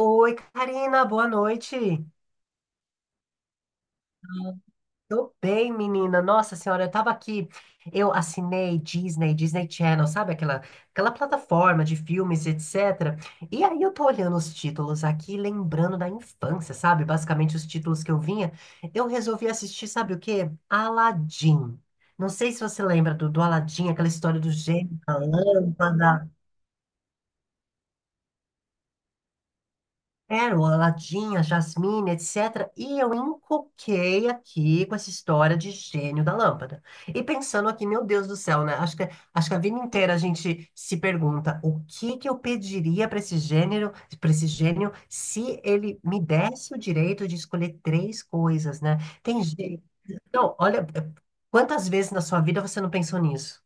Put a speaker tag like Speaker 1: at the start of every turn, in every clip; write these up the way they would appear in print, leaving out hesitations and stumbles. Speaker 1: Oi, Karina, boa noite. Tô bem, menina. Nossa senhora, eu tava aqui. Eu assinei Disney, Disney Channel, sabe? Aquela plataforma de filmes, etc. E aí eu tô olhando os títulos aqui, lembrando da infância, sabe? Basicamente os títulos que eu vinha. Eu resolvi assistir, sabe o quê? Aladdin. Não sei se você lembra do Aladdin, aquela história do gênio, da lâmpada. Pérola, Ladinha, Jasmine, etc. E eu encoquei aqui com essa história de gênio da lâmpada. E pensando aqui, meu Deus do céu, né? Acho que a vida inteira a gente se pergunta o que que eu pediria para esse gênero, para esse gênio, se ele me desse o direito de escolher três coisas, né? Tem gente. Não, olha, quantas vezes na sua vida você não pensou nisso?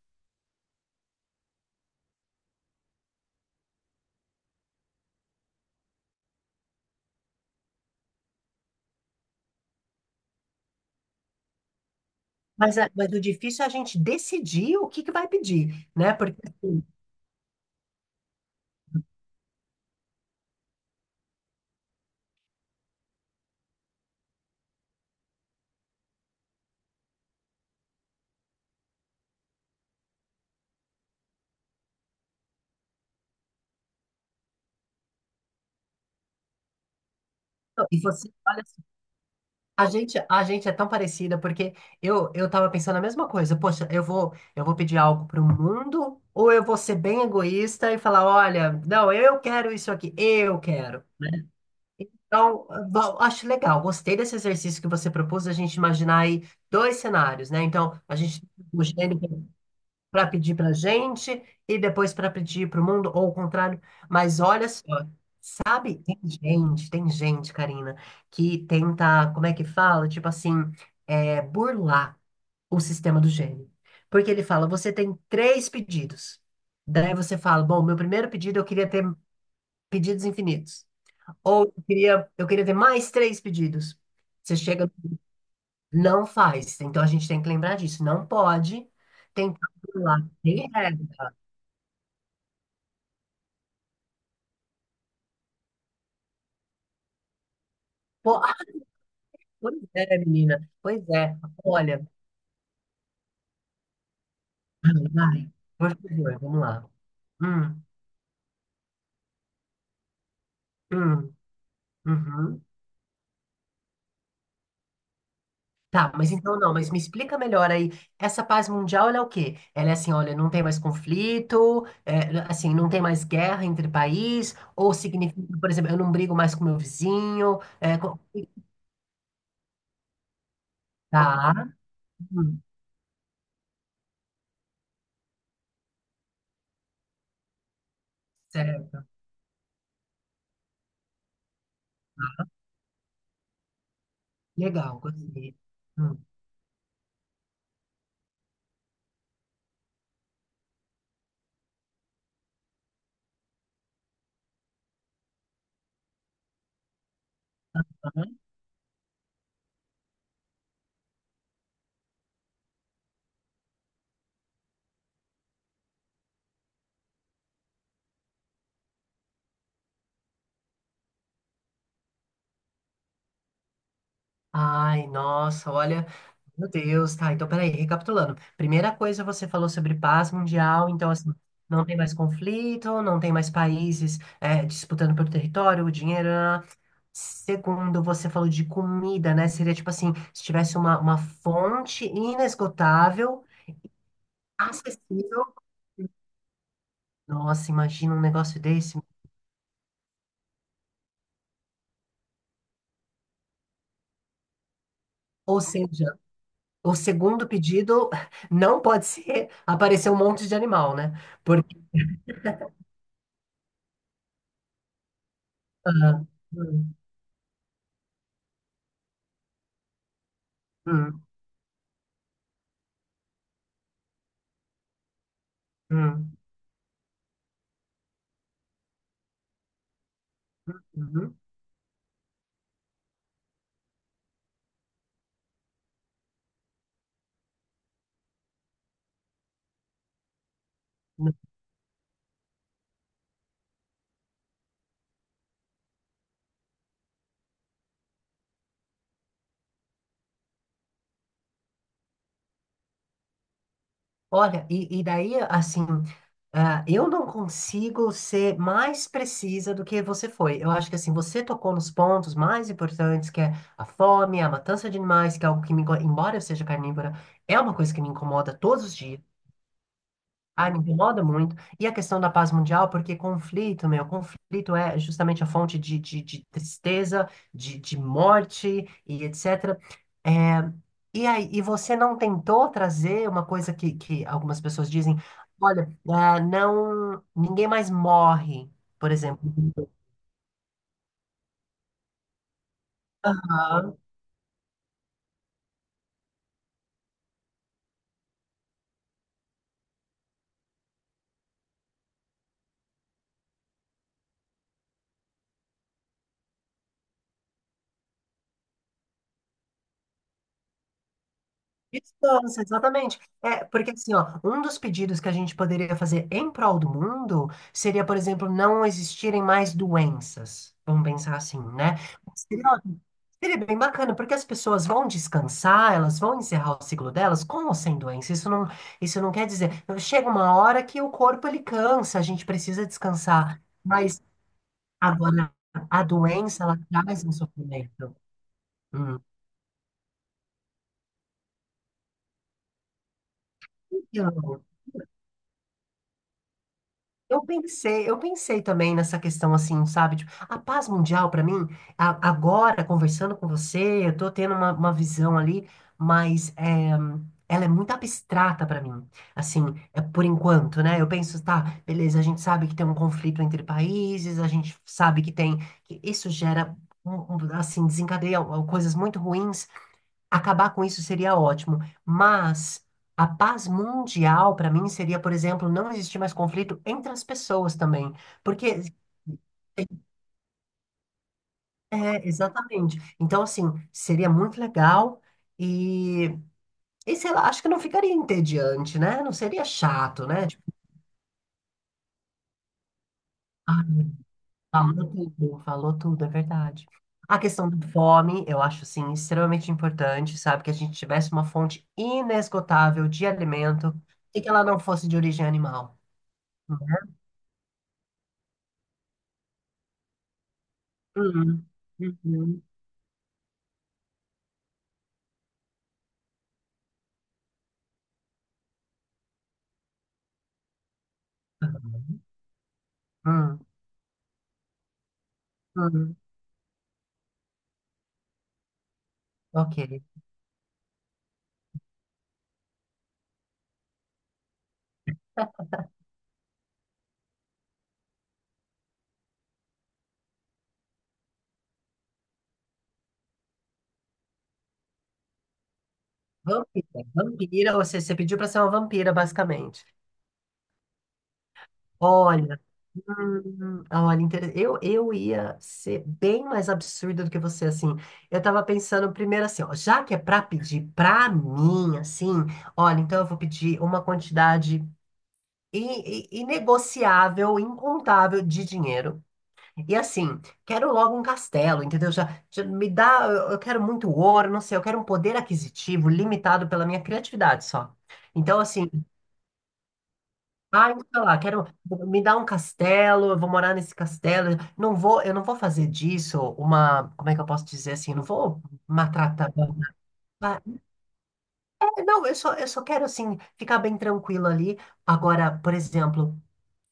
Speaker 1: Mas, mas o difícil é a gente decidir o que que vai pedir, né? Porque assim, e você, olha. A gente é tão parecida porque eu tava pensando a mesma coisa. Poxa, eu vou pedir algo pro mundo ou eu vou ser bem egoísta e falar, olha, não, eu quero isso aqui, eu quero. Então, bom, acho legal, gostei desse exercício que você propôs, a gente imaginar aí dois cenários, né? Então, a gente mexendo para pedir pra gente e depois para pedir pro mundo ou o contrário. Mas olha só, sabe, tem gente, Karina, que tenta, como é que fala? Tipo assim, é, burlar o sistema do gênio. Porque ele fala, você tem três pedidos. Daí você fala, bom, meu primeiro pedido eu queria ter pedidos infinitos. Ou eu queria ter mais três pedidos. Você chega, não faz. Então a gente tem que lembrar disso. Não pode tentar burlar. Tem regra. Pô, ah, pois é, menina. Pois é. Olha, vai, por favor, vamos lá. Hum. Hum, uhum. Tá, mas então não, mas me explica melhor aí. Essa paz mundial, ela é o quê? Ela é assim, olha, não tem mais conflito, é, assim, não tem mais guerra entre país, ou significa, por exemplo, eu não brigo mais com meu vizinho, tá, hum, certo, tá, legal, gostei. Hum. Ai, nossa, olha, meu Deus, tá, então peraí, recapitulando. Primeira coisa, você falou sobre paz mundial, então assim, não tem mais conflito, não tem mais países é, disputando pelo território, o dinheiro. Né. Segundo, você falou de comida, né? Seria tipo assim, se tivesse uma fonte inesgotável, acessível. Nossa, imagina um negócio desse. Ou seja, o segundo pedido não pode ser aparecer um monte de animal, né? Porque. Ah, hum, hum. Hum, uhum. Olha, e daí, assim, ah, eu não consigo ser mais precisa do que você foi. Eu acho que, assim, você tocou nos pontos mais importantes, que é a fome, a matança de animais, que é algo que embora eu seja carnívora, é uma coisa que me incomoda todos os dias. Ai me incomoda muito. E a questão da paz mundial, porque conflito, meu, conflito é justamente a fonte de tristeza, de morte e etc. E aí, e você não tentou trazer uma coisa que algumas pessoas dizem, olha, ah, não, ninguém mais morre, por exemplo. Distância, exatamente. É, porque assim, ó, um dos pedidos que a gente poderia fazer em prol do mundo seria, por exemplo, não existirem mais doenças. Vamos pensar assim, né? Seria ótimo. Seria bem bacana, porque as pessoas vão descansar, elas vão encerrar o ciclo delas com ou sem doença. Isso não, isso não quer dizer. Chega uma hora que o corpo ele cansa, a gente precisa descansar. Mas agora a doença ela traz um sofrimento. Hum. Eu pensei também nessa questão assim, sabe? Tipo, a paz mundial para mim, agora conversando com você, eu tô tendo uma visão ali, mas é, ela é muito abstrata para mim. Assim, é por enquanto, né? Eu penso, tá, beleza, a gente sabe que tem um conflito entre países, a gente sabe que tem, que isso gera assim, desencadeia ó, coisas muito ruins. Acabar com isso seria ótimo, mas a paz mundial, para mim, seria, por exemplo, não existir mais conflito entre as pessoas também. Porque é, exatamente. Então, assim, seria muito legal e, e sei lá, acho que não ficaria entediante, né? Não seria chato, né? Tipo, ah, falou tudo, é verdade. A questão da fome, eu acho, assim, extremamente importante, sabe? Que a gente tivesse uma fonte inesgotável de alimento e que ela não fosse de origem animal. Hum, uhum, hum. Hum. Ok. Vampira. Vampira, ou seja, você pediu pra ser uma vampira, basicamente. Olha, eu ia ser bem mais absurda do que você, assim. Eu tava pensando primeiro assim, ó, já que é pra pedir pra mim, assim, olha, então eu vou pedir uma quantidade inegociável, incontável de dinheiro. E assim, quero logo um castelo, entendeu? Já me dá, eu quero muito ouro, não sei, eu quero um poder aquisitivo limitado pela minha criatividade só. Então, assim, ah sei lá, quero me dar um castelo, eu vou morar nesse castelo, eu não vou fazer disso uma, como é que eu posso dizer assim, eu não vou maltratar. Ah, é, não, eu só quero assim ficar bem tranquilo ali. Agora, por exemplo,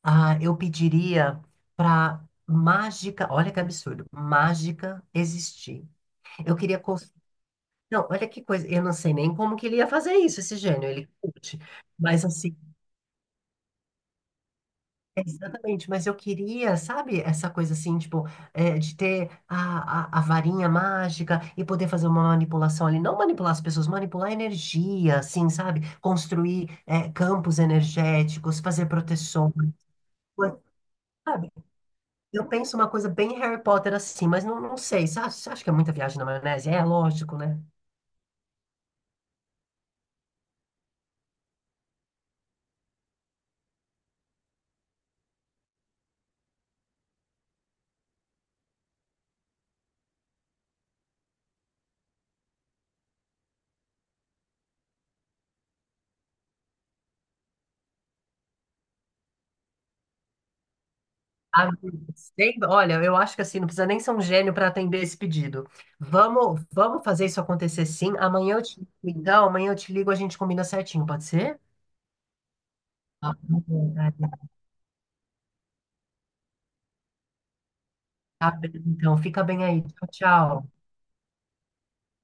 Speaker 1: ah, eu pediria para mágica, olha que absurdo, mágica existir. Eu queria. Não, olha que coisa. Eu não sei nem como que ele ia fazer isso, esse gênio. Ele curte. Mas assim, é exatamente. Mas eu queria, sabe, essa coisa assim, tipo, é, de ter a varinha mágica e poder fazer uma manipulação ali. Não manipular as pessoas, manipular a energia, assim, sabe? Construir, é, campos energéticos, fazer proteções. Sabe? Eu penso uma coisa bem Harry Potter assim, mas não, não sei. Você acha que é muita viagem na maionese? É, lógico, né? Amigo, sem- olha, eu acho que assim, não precisa nem ser um gênio para atender esse pedido. Vamos fazer isso acontecer sim. Amanhã eu te ligo, a gente combina certinho, pode ser? Tá bom, Karina. Tá bem, então, fica bem aí. Tchau, tchau.